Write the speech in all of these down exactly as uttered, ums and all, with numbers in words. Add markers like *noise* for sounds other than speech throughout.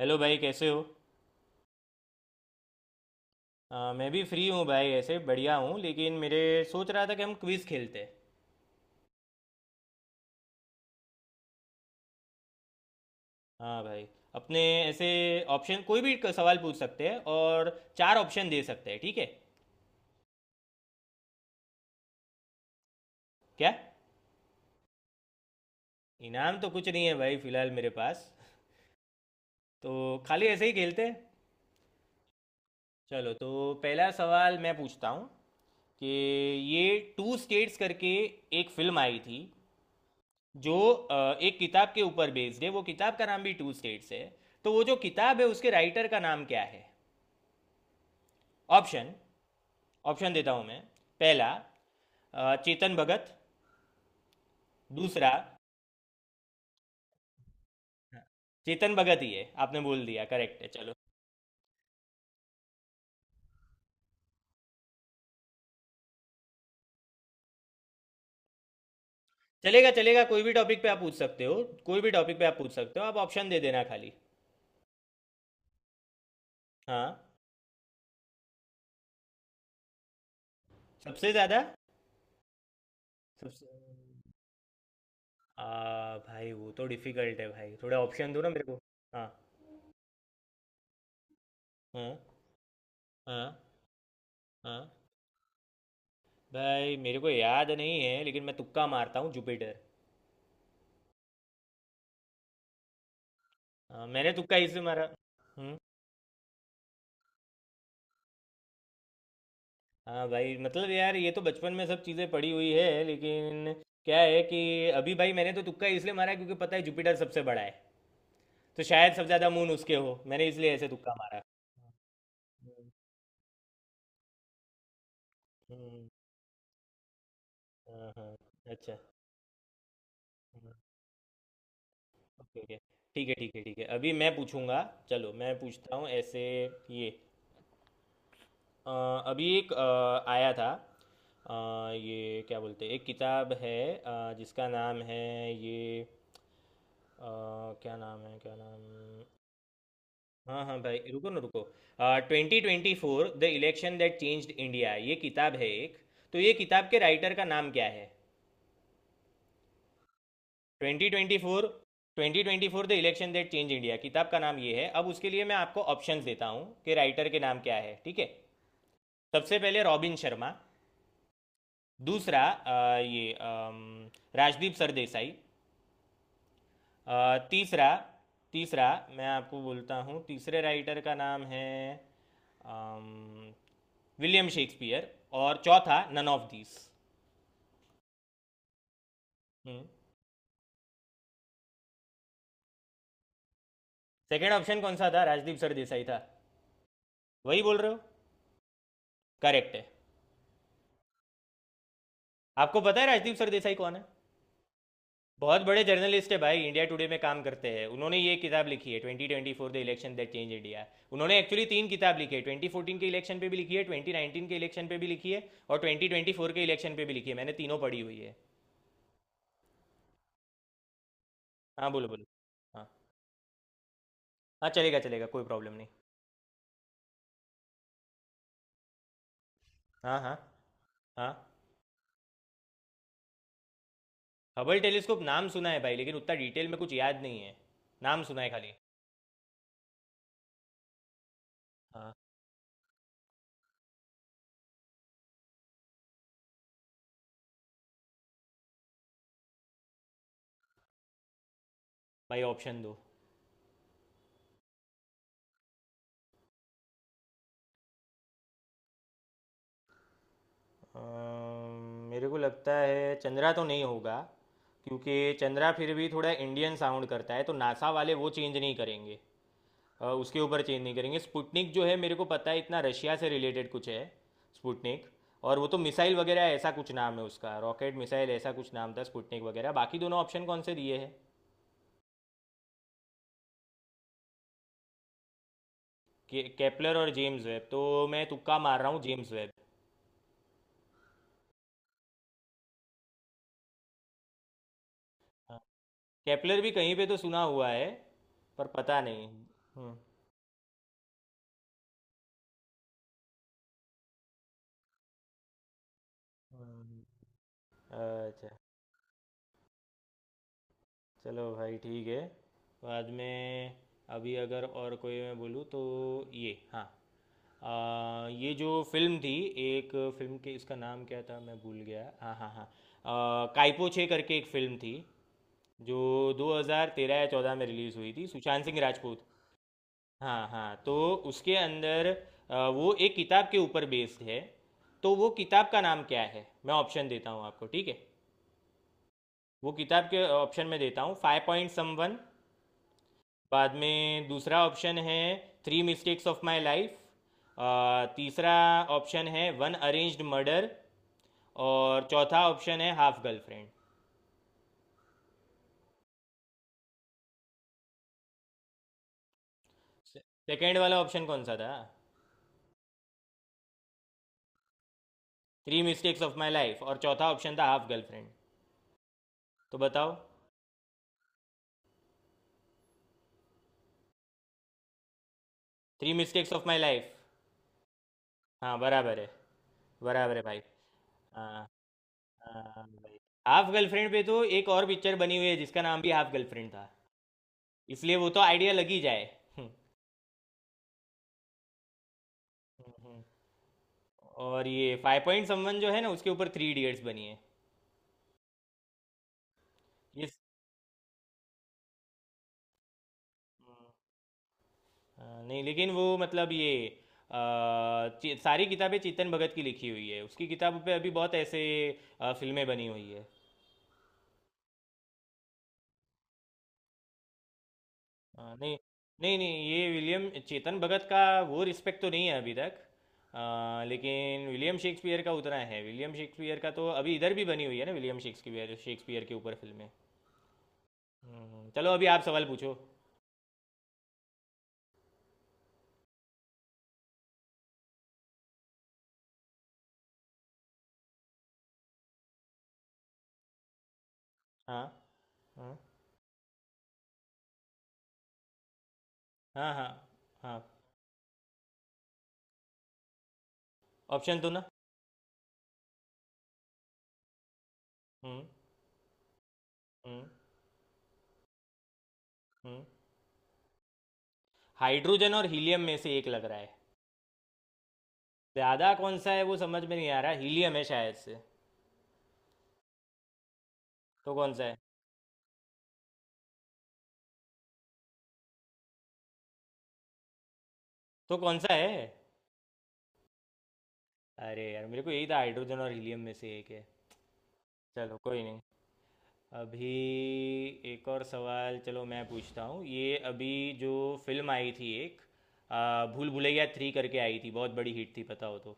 Hello भाई, कैसे हो। आ, मैं भी फ्री हूँ भाई, ऐसे बढ़िया हूँ, लेकिन मेरे सोच रहा था कि हम क्विज़ खेलते हैं। हाँ भाई। अपने ऐसे ऑप्शन, कोई भी क- सवाल पूछ सकते हैं और चार ऑप्शन दे सकते हैं, ठीक है। क्या। इनाम तो कुछ नहीं है भाई, फिलहाल मेरे पास, तो खाली ऐसे ही खेलते हैं। चलो तो पहला सवाल मैं पूछता हूँ कि ये टू स्टेट्स करके एक फिल्म आई थी, जो अ, एक किताब के ऊपर बेस्ड है। वो किताब का नाम भी टू स्टेट्स है, तो वो जो किताब है उसके राइटर का नाम क्या है। ऑप्शन, ऑप्शन देता हूँ मैं। पहला, अ, चेतन भगत। दूसरा, चेतन भगत ही है, आपने बोल दिया, करेक्ट है, चलो। चलेगा चलेगा, कोई भी टॉपिक पे आप पूछ सकते हो। कोई भी टॉपिक पे आप पूछ सकते हो, आप ऑप्शन दे देना खाली। हाँ। सबसे ज़्यादा सबसे। आ, भाई वो तो डिफिकल्ट है भाई, थोड़ा ऑप्शन दो ना मेरे को। हाँ, हाँ, हाँ, हाँ। भाई मेरे को याद नहीं है, लेकिन मैं तुक्का मारता हूँ जुपिटर। हाँ, मैंने तुक्का इससे मारा। हम्म। हाँ भाई, मतलब यार ये तो बचपन में सब चीज़ें पड़ी हुई है, लेकिन क्या है कि अभी भाई मैंने तो तुक्का इसलिए मारा है क्योंकि पता है जुपिटर सबसे बड़ा है, तो शायद सबसे ज़्यादा मून उसके हो, मैंने इसलिए ऐसे तुक्का मारा। हम्म। हम्म। हाँ, हाँ। अच्छा। हम्म। Okay, okay. ठीक है, ठीक है, ठीक है, अभी मैं पूछूंगा। चलो मैं पूछता हूँ ऐसे ये। अ, अभी एक अ, आया था। अ, ये क्या बोलते हैं, एक किताब है अ, जिसका नाम है ये। अ, क्या नाम है, क्या नाम। हाँ हाँ भाई, रुको ना रुको। Twenty twenty four the election that changed India, ये किताब है एक, तो ये किताब के राइटर का नाम क्या है। Twenty twenty four. Twenty twenty four the election that change India किताब का नाम ये है। अब उसके लिए मैं आपको ऑप्शंस देता हूँ कि राइटर के नाम क्या है, ठीक है। सबसे पहले, रॉबिन शर्मा। दूसरा, अ, ये अम, राजदीप सरदेसाई। अ, तीसरा तीसरा, मैं आपको बोलता हूँ, तीसरे राइटर का नाम है अम, विलियम शेक्सपियर। और चौथा, none of these. Second option कौन सा था, राजदीप सरदेसाई था। वही बोल रहे हो। करेक्ट है। आपको पता है राजदीप सरदेसाई कौन है। बहुत बड़े जर्नलिस्ट है भाई, इंडिया टुडे में काम करते हैं। उन्होंने ये किताब लिखी है, twenty twenty four the election that change India. उन्होंने एक्चुअली तीन किताब लिखी है। ट्वेंटी फोर्टीन के इलेक्शन पे भी लिखी है, ट्वेंटी नाइनटीन के इलेक्शन पे भी लिखी है और ट्वेंटी ट्वेंटी फोर के इलेक्शन पे भी लिखी है। मैंने तीनों पढ़ी हुई है। हाँ, बोलो बोलो। हाँ हाँ, चलेगा चलेगा, कोई प्रॉब्लम नहीं। हाँ, हाँ, हाँ। हबल टेलीस्कोप नाम सुना है भाई, लेकिन उतना डिटेल में कुछ याद नहीं है, नाम सुना है खाली। हाँ भाई, ऑप्शन दो। अम्म, मेरे को लगता है चंद्रा तो नहीं होगा, क्योंकि चंद्रा फिर भी थोड़ा इंडियन साउंड करता है, तो नासा वाले वो चेंज नहीं करेंगे। अ, उसके ऊपर चेंज नहीं करेंगे। स्पुटनिक जो है, मेरे को पता है इतना, रशिया से रिलेटेड कुछ है स्पुटनिक, और वो तो मिसाइल वगैरह ऐसा कुछ नाम है उसका, रॉकेट मिसाइल ऐसा कुछ नाम था स्पुटनिक वगैरह। बाकी दोनों ऑप्शन कौन से दिए हैं। के, केपलर और जेम्स वेब तो मैं तुक्का मार रहा हूँ, जेम्स वेब। हाँ। केपलर भी कहीं पे तो सुना हुआ है, पर पता नहीं। हम्म, हम्म, अच्छा। चलो भाई, ठीक है। बाद में। अभी अगर और कोई मैं बोलूँ तो ये। हाँ। आ, ये जो फिल्म थी, एक फिल्म के इसका नाम क्या था, मैं भूल गया। हाँ हाँ हाँ, आ, काइपो छे करके एक फिल्म थी, जो दो हज़ार तेरह या चौदह में रिलीज़ हुई थी, सुशांत सिंह राजपूत। हाँ हाँ, तो उसके अंदर, आ, वो एक किताब के ऊपर बेस्ड है, तो वो किताब का नाम क्या है, मैं ऑप्शन देता हूँ आपको, ठीक है। वो किताब के ऑप्शन में देता हूँ, फाइव पॉइंट सम वन। बाद में दूसरा ऑप्शन है, three mistakes of my life. तीसरा ऑप्शन है वन अरेंज्ड मर्डर। और चौथा ऑप्शन है हाफ गर्लफ्रेंड। सेकेंड वाला ऑप्शन कौन सा था। Three mistakes of my life, और चौथा ऑप्शन था हाफ गर्लफ्रेंड, तो बताओ। Three mistakes of my life. हाँ, बराबर है, बराबर है भाई। हाँ हाँ भाई। हाफ गर्लफ्रेंड पे तो एक और पिक्चर बनी हुई है, जिसका नाम भी हाफ गर्लफ्रेंड था, इसलिए वो तो आइडिया लग ही जाए। *laughs* और ये फाइव पॉइंट समवन जो है ना, उसके ऊपर थ्री इडियट्स बनी है। ये, हाँ, नहीं लेकिन वो मतलब ये, अ, ची- सारी किताबें चेतन भगत की लिखी हुई है, उसकी किताबों पे अभी बहुत ऐसे अ, फिल्में बनी हुई है। हाँ, नहीं नहीं नहीं, ये विलियम, चेतन भगत का वो रिस्पेक्ट तो नहीं है अभी तक। अ, लेकिन विलियम शेक्सपियर का उतना है, विलियम शेक्सपियर का तो अभी इधर भी बनी हुई है ना, विलियम शेक्सपियर शेक्सपियर के ऊपर फिल्में। हम्म, चलो अभी आप सवाल पूछो। हाँ, हाँ, हाँ, हाँ, हाँ। ऑप्शन तो ना। हम्म, हम्म, हम्म। हाइड्रोजन और हीलियम में से एक लग रहा है। ज्यादा कौन सा है वो समझ में नहीं आ रहा, हीलियम है शायद से। तो कौन सा है। तो कौन सा है। अरे यार मेरे को यही था, हाइड्रोजन और हीलियम में से एक है। चलो कोई नहीं। अभी एक और सवाल, चलो मैं पूछता हूँ ये अभी। जो फिल्म आई थी एक, आ, भूल भुलैया थ्री करके आई थी, बहुत बड़ी हिट थी, पता हो तो।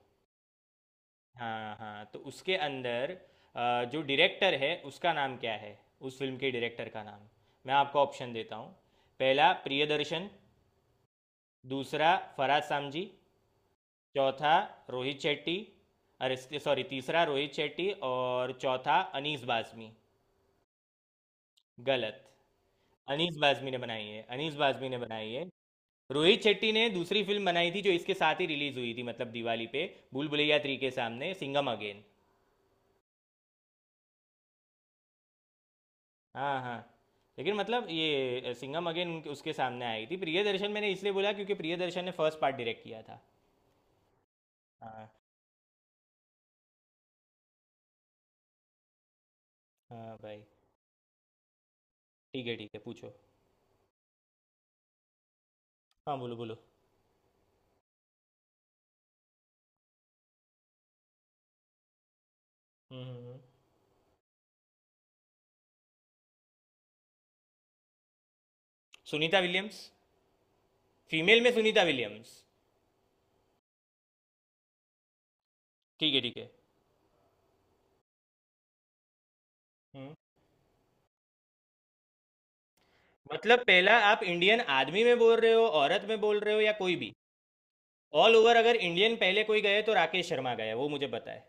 हाँ हाँ, तो उसके अंदर अ, जो डायरेक्टर है उसका नाम क्या है, उस फिल्म के डायरेक्टर का नाम, मैं आपको ऑप्शन देता हूँ। पहला, प्रियदर्शन। दूसरा, फरहाद सामजी। चौथा, रोहित शेट्टी। अरे सॉरी, तीसरा रोहित शेट्टी और चौथा अनीस बाज़मी। गलत। अनीस बाज़मी ने बनाई है, अनीस बाज़मी ने बनाई है। रोहित शेट्टी ने दूसरी फिल्म बनाई थी, जो इसके साथ ही रिलीज हुई थी, मतलब दिवाली पे, भूल भुलैया थ्री के सामने, सिंघम अगेन। हाँ हाँ, लेकिन मतलब ये सिंघम अगेन उसके सामने आई थी। प्रियदर्शन मैंने इसलिए बोला क्योंकि प्रियदर्शन ने फर्स्ट पार्ट डायरेक्ट किया था। हाँ हाँ भाई। ठीक है, ठीक है, पूछो। हाँ, बोलो बोलो। हम्म, हम्म, हम्म। सुनीता विलियम्स, फीमेल में सुनीता विलियम्स। ठीक है, ठीक है। हम्म। मतलब पहला आप इंडियन आदमी में बोल रहे हो, औरत में बोल रहे हो, या कोई भी। ऑल ओवर अगर इंडियन पहले कोई गए तो राकेश शर्मा गए, वो मुझे पता है।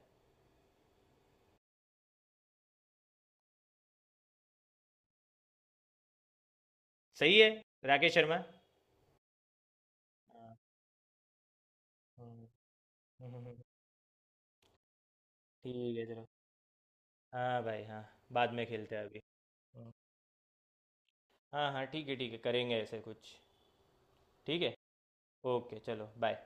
सही है, राकेश शर्मा। हाँ, हम्म, हम्म, हम्म, हम्म। ठीक है चलो। हाँ भाई, हाँ। बाद में खेलते हैं अभी। हाँ हाँ, ठीक है, ठीक है, करेंगे ऐसे कुछ। ठीक है। ओके, चलो, बाय।